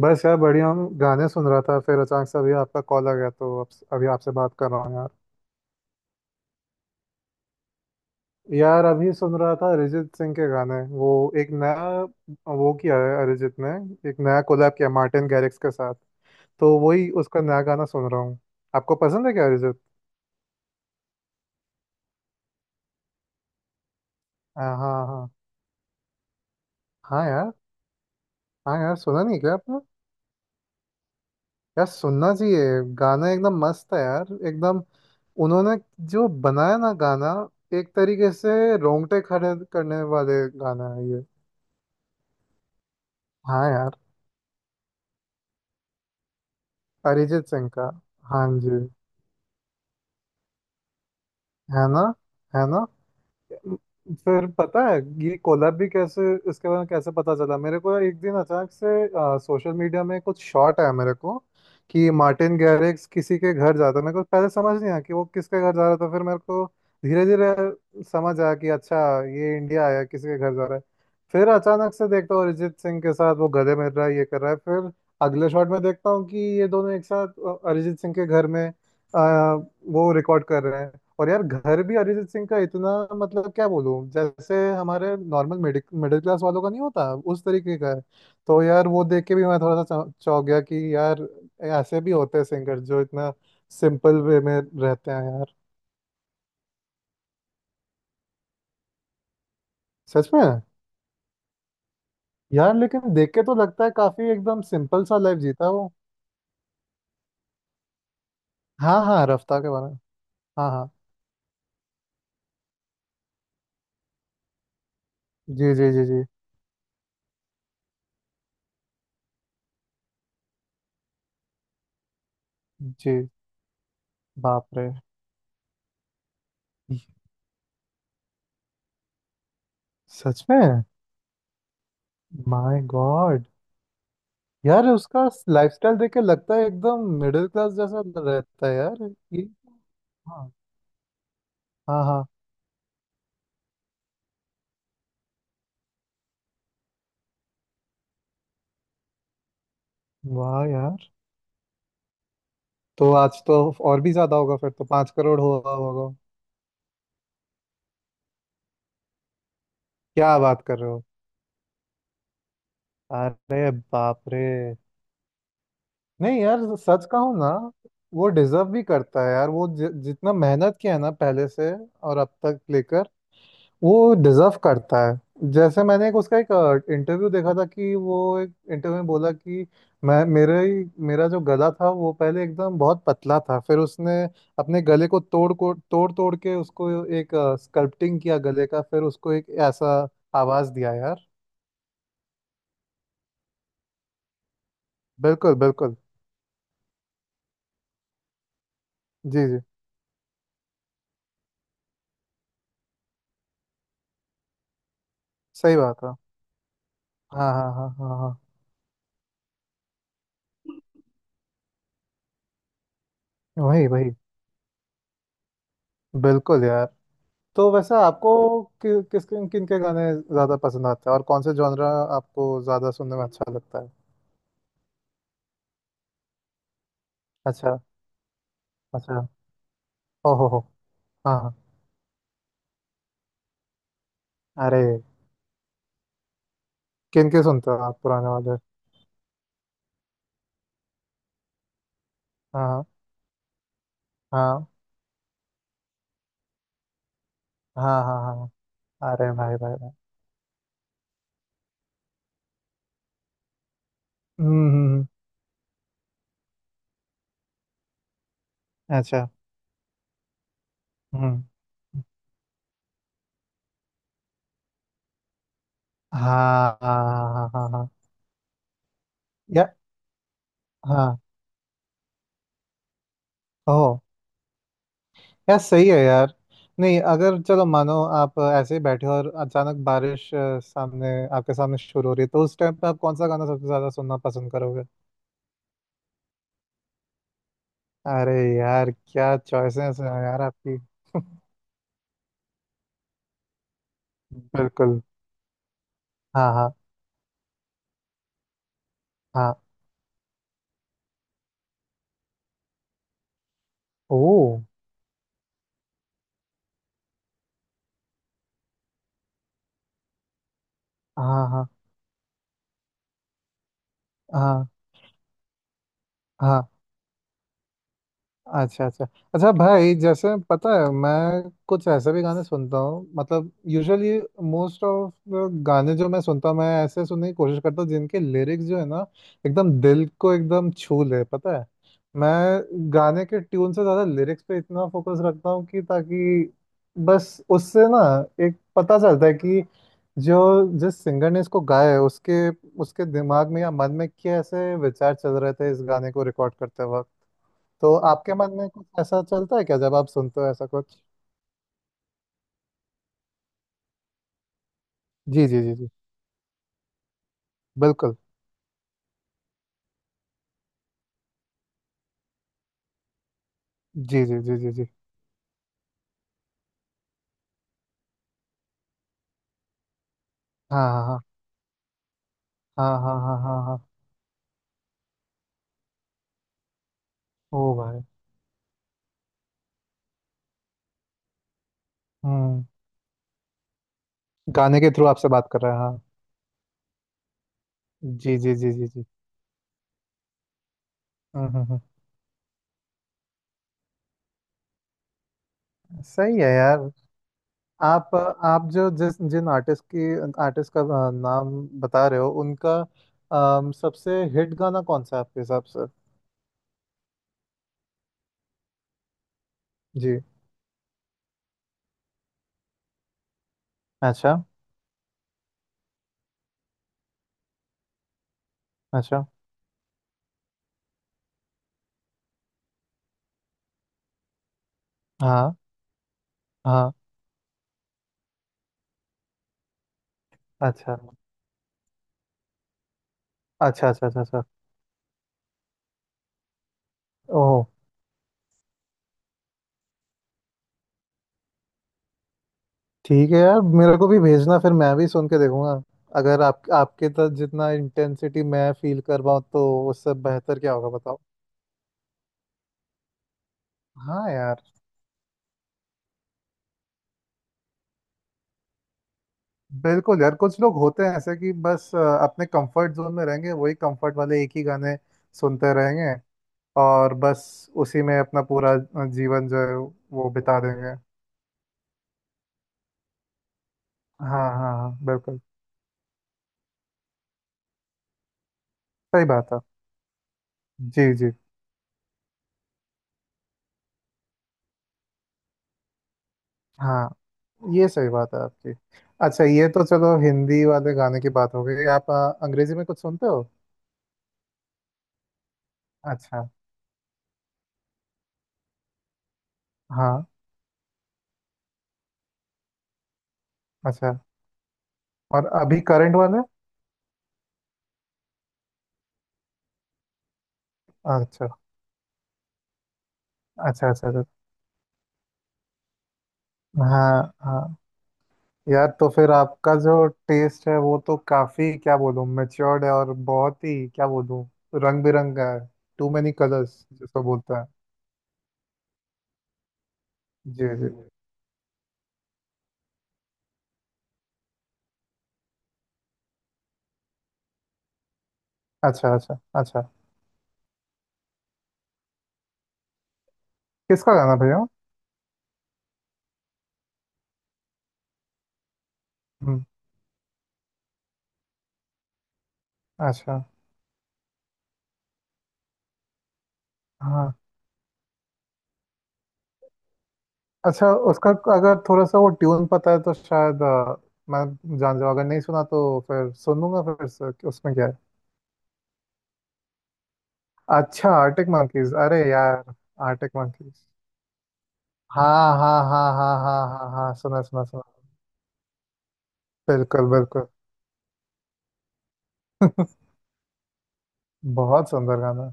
बस यार बढ़िया हूँ। गाने सुन रहा था, फिर अचानक से अभी आपका कॉल आ गया तो अब अभी आपसे बात कर रहा हूँ यार। यार अभी सुन रहा था अरिजीत सिंह के गाने। वो एक नया वो किया है अरिजीत ने, एक नया कोलैब किया मार्टिन गैरिक्स के साथ। तो वही उसका नया गाना सुन रहा हूँ। आपको पसंद है क्या अरिजीत? हाँ हाँ हाँ। हाँ यार। हाँ यार, सुना नहीं क्या आपने? यार सुनना चाहिए, गाना एकदम मस्त है यार एकदम। उन्होंने जो बनाया ना गाना, एक तरीके से रोंगटे खड़े करने वाले गाना है ये। हाँ यार। अरिजीत सिंह का। हाँ जी। है ना? है ना? फिर पता है ये कोलैब भी कैसे, इसके बारे में कैसे पता चला मेरे को? एक दिन अचानक से सोशल मीडिया में कुछ शॉट आया मेरे को कि मार्टिन गैरिक्स किसी के घर जाता है। मेरे को पहले समझ नहीं आया कि वो किसके घर जा रहा था, फिर मेरे को धीरे धीरे समझ आया कि अच्छा, ये इंडिया आया किसी के घर जा रहा है। फिर अचानक से देखता हूँ अरिजीत सिंह के साथ वो गले मिल रहा है, ये कर रहा है, फिर अगले शॉट में देखता हूँ कि ये दोनों एक साथ अरिजीत सिंह के घर में वो रिकॉर्ड कर रहे हैं। और यार घर भी अरिजीत सिंह का इतना, मतलब क्या बोलूं, जैसे हमारे नॉर्मल मिडिल मिडिल क्लास वालों का नहीं होता उस तरीके का है। तो यार वो देख के भी मैं थोड़ा सा चौंक गया कि यार ऐसे भी होते हैं सिंगर जो इतना सिंपल वे में रहते हैं यार। सच में। यार लेकिन देख के तो लगता है काफी एकदम सिंपल सा लाइफ जीता है वो। हाँ हाँ, रफ्तार के बारे में। हाँ हाँ। जी जी जी जी। जी। बाप रे। सच में। My god. यार उसका लाइफस्टाइल देख के लगता है एकदम मिडिल क्लास जैसा रहता है यार। ये हाँ। हाँ हाँ। वाह यार। तो आज तो और भी ज्यादा होगा, फिर तो 5 करोड़ हुआ होगा। क्या बात कर रहे हो? अरे बाप रे। नहीं यार, सच कहूँ ना, वो डिजर्व भी करता है यार। वो जितना मेहनत किया है ना पहले से और अब तक लेकर, वो डिजर्व करता है। जैसे मैंने एक उसका एक इंटरव्यू देखा था कि वो एक इंटरव्यू में बोला कि मैं मेरे ही मेरा जो गला था वो पहले एकदम बहुत पतला था, फिर उसने अपने गले को तोड़ तोड़ के उसको एक स्कल्पटिंग किया गले का, फिर उसको एक ऐसा आवाज दिया यार। बिल्कुल बिल्कुल। जी जी। सही बात है। हाँ हाँ हाँ हाँ हाँ। वही वही। बिल्कुल यार। तो वैसे आपको किस किन किन के गाने ज्यादा पसंद आते हैं और कौन से जॉनरा आपको ज्यादा सुनने में अच्छा लगता है? अच्छा। अच्छा। ओ हो हो। हाँ हाँ। अरे, किन के सुनते हो आप पुराने वाले? हाँ हाँ हाँ हाँ हाँ। अरे भाई भाई भाई। हम्म। अच्छा। हम्म। हाँ हाँ हाँ हाँ हाँ। या। हाँ। ओह। यार सही है यार। नहीं अगर चलो मानो आप ऐसे ही बैठे हो और अचानक बारिश सामने आपके सामने शुरू हो रही है, तो उस टाइम पे आप कौन सा गाना सबसे ज्यादा सुनना पसंद करोगे? अरे यार, क्या चॉइसेस हैं यार आपकी। बिल्कुल। हाँ हाँ हाँ। ओ। हाँ हाँ हाँ हाँ। अच्छा अच्छा। अच्छा भाई, जैसे पता है मैं कुछ ऐसे भी गाने सुनता हूँ, मतलब यूजुअली मोस्ट ऑफ गाने जो मैं सुनता हूँ मैं ऐसे सुनने की कोशिश करता हूँ जिनके लिरिक्स जो है ना, एकदम दिल को एकदम छू ले पता है। मैं गाने के ट्यून से ज़्यादा लिरिक्स पे इतना फोकस रखता हूँ कि ताकि बस उससे ना एक पता चलता है कि जो जिस सिंगर ने इसको गाया है उसके, उसके दिमाग में या मन में कैसे विचार चल रहे थे इस गाने को रिकॉर्ड करते वक्त। तो आपके मन में कुछ ऐसा चलता है क्या जब आप सुनते हो ऐसा कुछ? जी जी जी जी। बिल्कुल। जी जी जी जी जी। हाँ हाँ हाँ हाँ हाँ हाँ हाँ हाँ। ओ भाई। हम्म। गाने के थ्रू आपसे बात कर रहे हैं हाँ। जी जी जी जी जी। हम्म हम्म हम्म। सही है यार। आप आप जो जिस जिन आर्टिस्ट की आर्टिस्ट का नाम बता रहे हो उनका सबसे हिट गाना कौन सा है आपके हिसाब से? जी। अच्छा। अच्छा। हाँ हाँ। अच्छा अच्छा अच्छा अच्छा। अच्छा। ओह। ठीक है यार, मेरे को भी भेजना, फिर मैं भी सुन के देखूंगा। अगर आप आपके तो जितना इंटेंसिटी मैं फील कर पाऊँ, तो उससे बेहतर क्या होगा बताओ। हाँ यार। बिल्कुल यार, कुछ लोग होते हैं ऐसे कि बस अपने कंफर्ट जोन में रहेंगे, वही कंफर्ट वाले एक ही गाने सुनते रहेंगे, और बस उसी में अपना पूरा जीवन जो है वो बिता देंगे। हाँ हाँ हाँ बिल्कुल। सही बात है। जी जी। हाँ। ये सही बात है आपकी। अच्छा ये तो चलो हिंदी वाले गाने की बात हो गई, आप अंग्रेजी में कुछ सुनते हो? अच्छा। हाँ। अच्छा। और अभी करंट वाले? अच्छा अच्छा अच्छा अच्छा। हाँ हाँ। यार तो फिर आपका जो टेस्ट है वो तो काफी, क्या बोलूँ, मेच्योर्ड है, और बहुत ही क्या बोलूँ, रंग बिरंगा है। टू मेनी कलर्स जिसको बोलता है। जी जी। अच्छा अच्छा अच्छा। किसका गाना भैया? हम्म, अच्छा। हाँ। अच्छा उसका, अगर थोड़ा सा वो ट्यून पता है तो शायद मैं जान जाऊँ, अगर नहीं सुना तो फिर सुनूंगा फिर से कि उसमें क्या है। अच्छा आर्टिक मंकीज, अरे यार। Arctic monkeys. हाँ हाँ हाँ हाँ हाँ हाँ हाँ, सुना सुना सुना। बिल्कुल बिल्कुल। बहुत सुंदर गाना।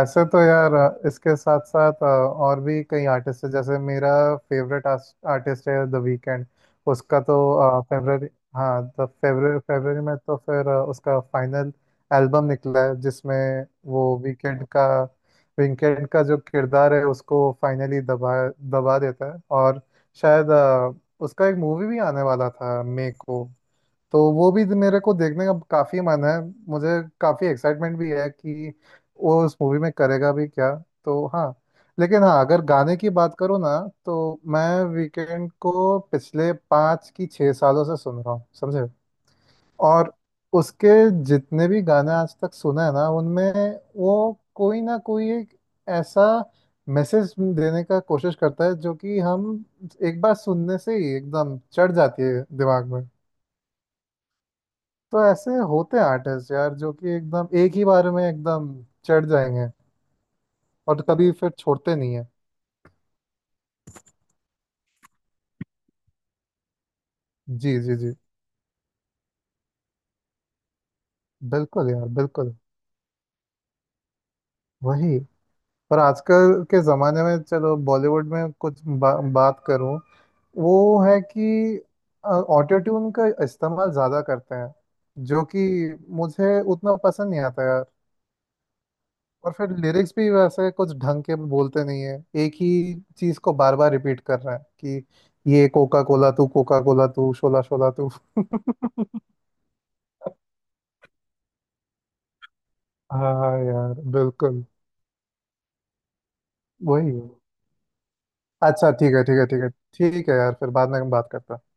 ऐसे तो यार इसके साथ साथ और भी कई आर्टिस्ट है, जैसे मेरा फेवरेट आर्टिस्ट है द वीकेंड। उसका तो फेब्रवरी, हाँ तो फेब्रवरी, फेब्रवरी में तो फिर उसका फाइनल एल्बम निकला है जिसमें वो वीकेंड का, वीकेंड का जो किरदार है उसको फाइनली दबा दबा देता है, और शायद उसका एक मूवी भी आने वाला था मे को, तो वो भी तो मेरे को देखने का काफी मन है। मुझे काफी एक्साइटमेंट भी है कि वो उस मूवी में करेगा भी क्या। तो हाँ, लेकिन हाँ अगर गाने की बात करूँ ना, तो मैं वीकेंड को पिछले 5 की 6 सालों से सुन रहा हूँ समझे। और उसके जितने भी गाने आज तक सुने हैं ना उनमें वो कोई ना कोई एक ऐसा मैसेज देने का कोशिश करता है जो कि हम एक बार सुनने से ही एकदम चढ़ जाती है दिमाग में। तो ऐसे होते हैं आर्टिस्ट यार जो कि एकदम एक ही बार में एकदम चढ़ जाएंगे और कभी फिर छोड़ते नहीं है। जी जी जी। बिल्कुल यार, बिल्कुल। वही। पर आजकल के ज़माने में चलो बॉलीवुड में कुछ बात करूं, वो है कि ऑटो ट्यून का इस्तेमाल ज़्यादा करते हैं, जो कि मुझे उतना पसंद नहीं आता। और फिर लिरिक्स भी वैसे कुछ ढंग के बोलते नहीं है, एक ही चीज को बार बार रिपीट कर रहे हैं कि ये कोका कोला तू शोला शोला तू। हाँ यार बिल्कुल। वही है। अच्छा ठीक है ठीक है ठीक है। ठीक है यार, फिर बाद में हम बात करते हैं।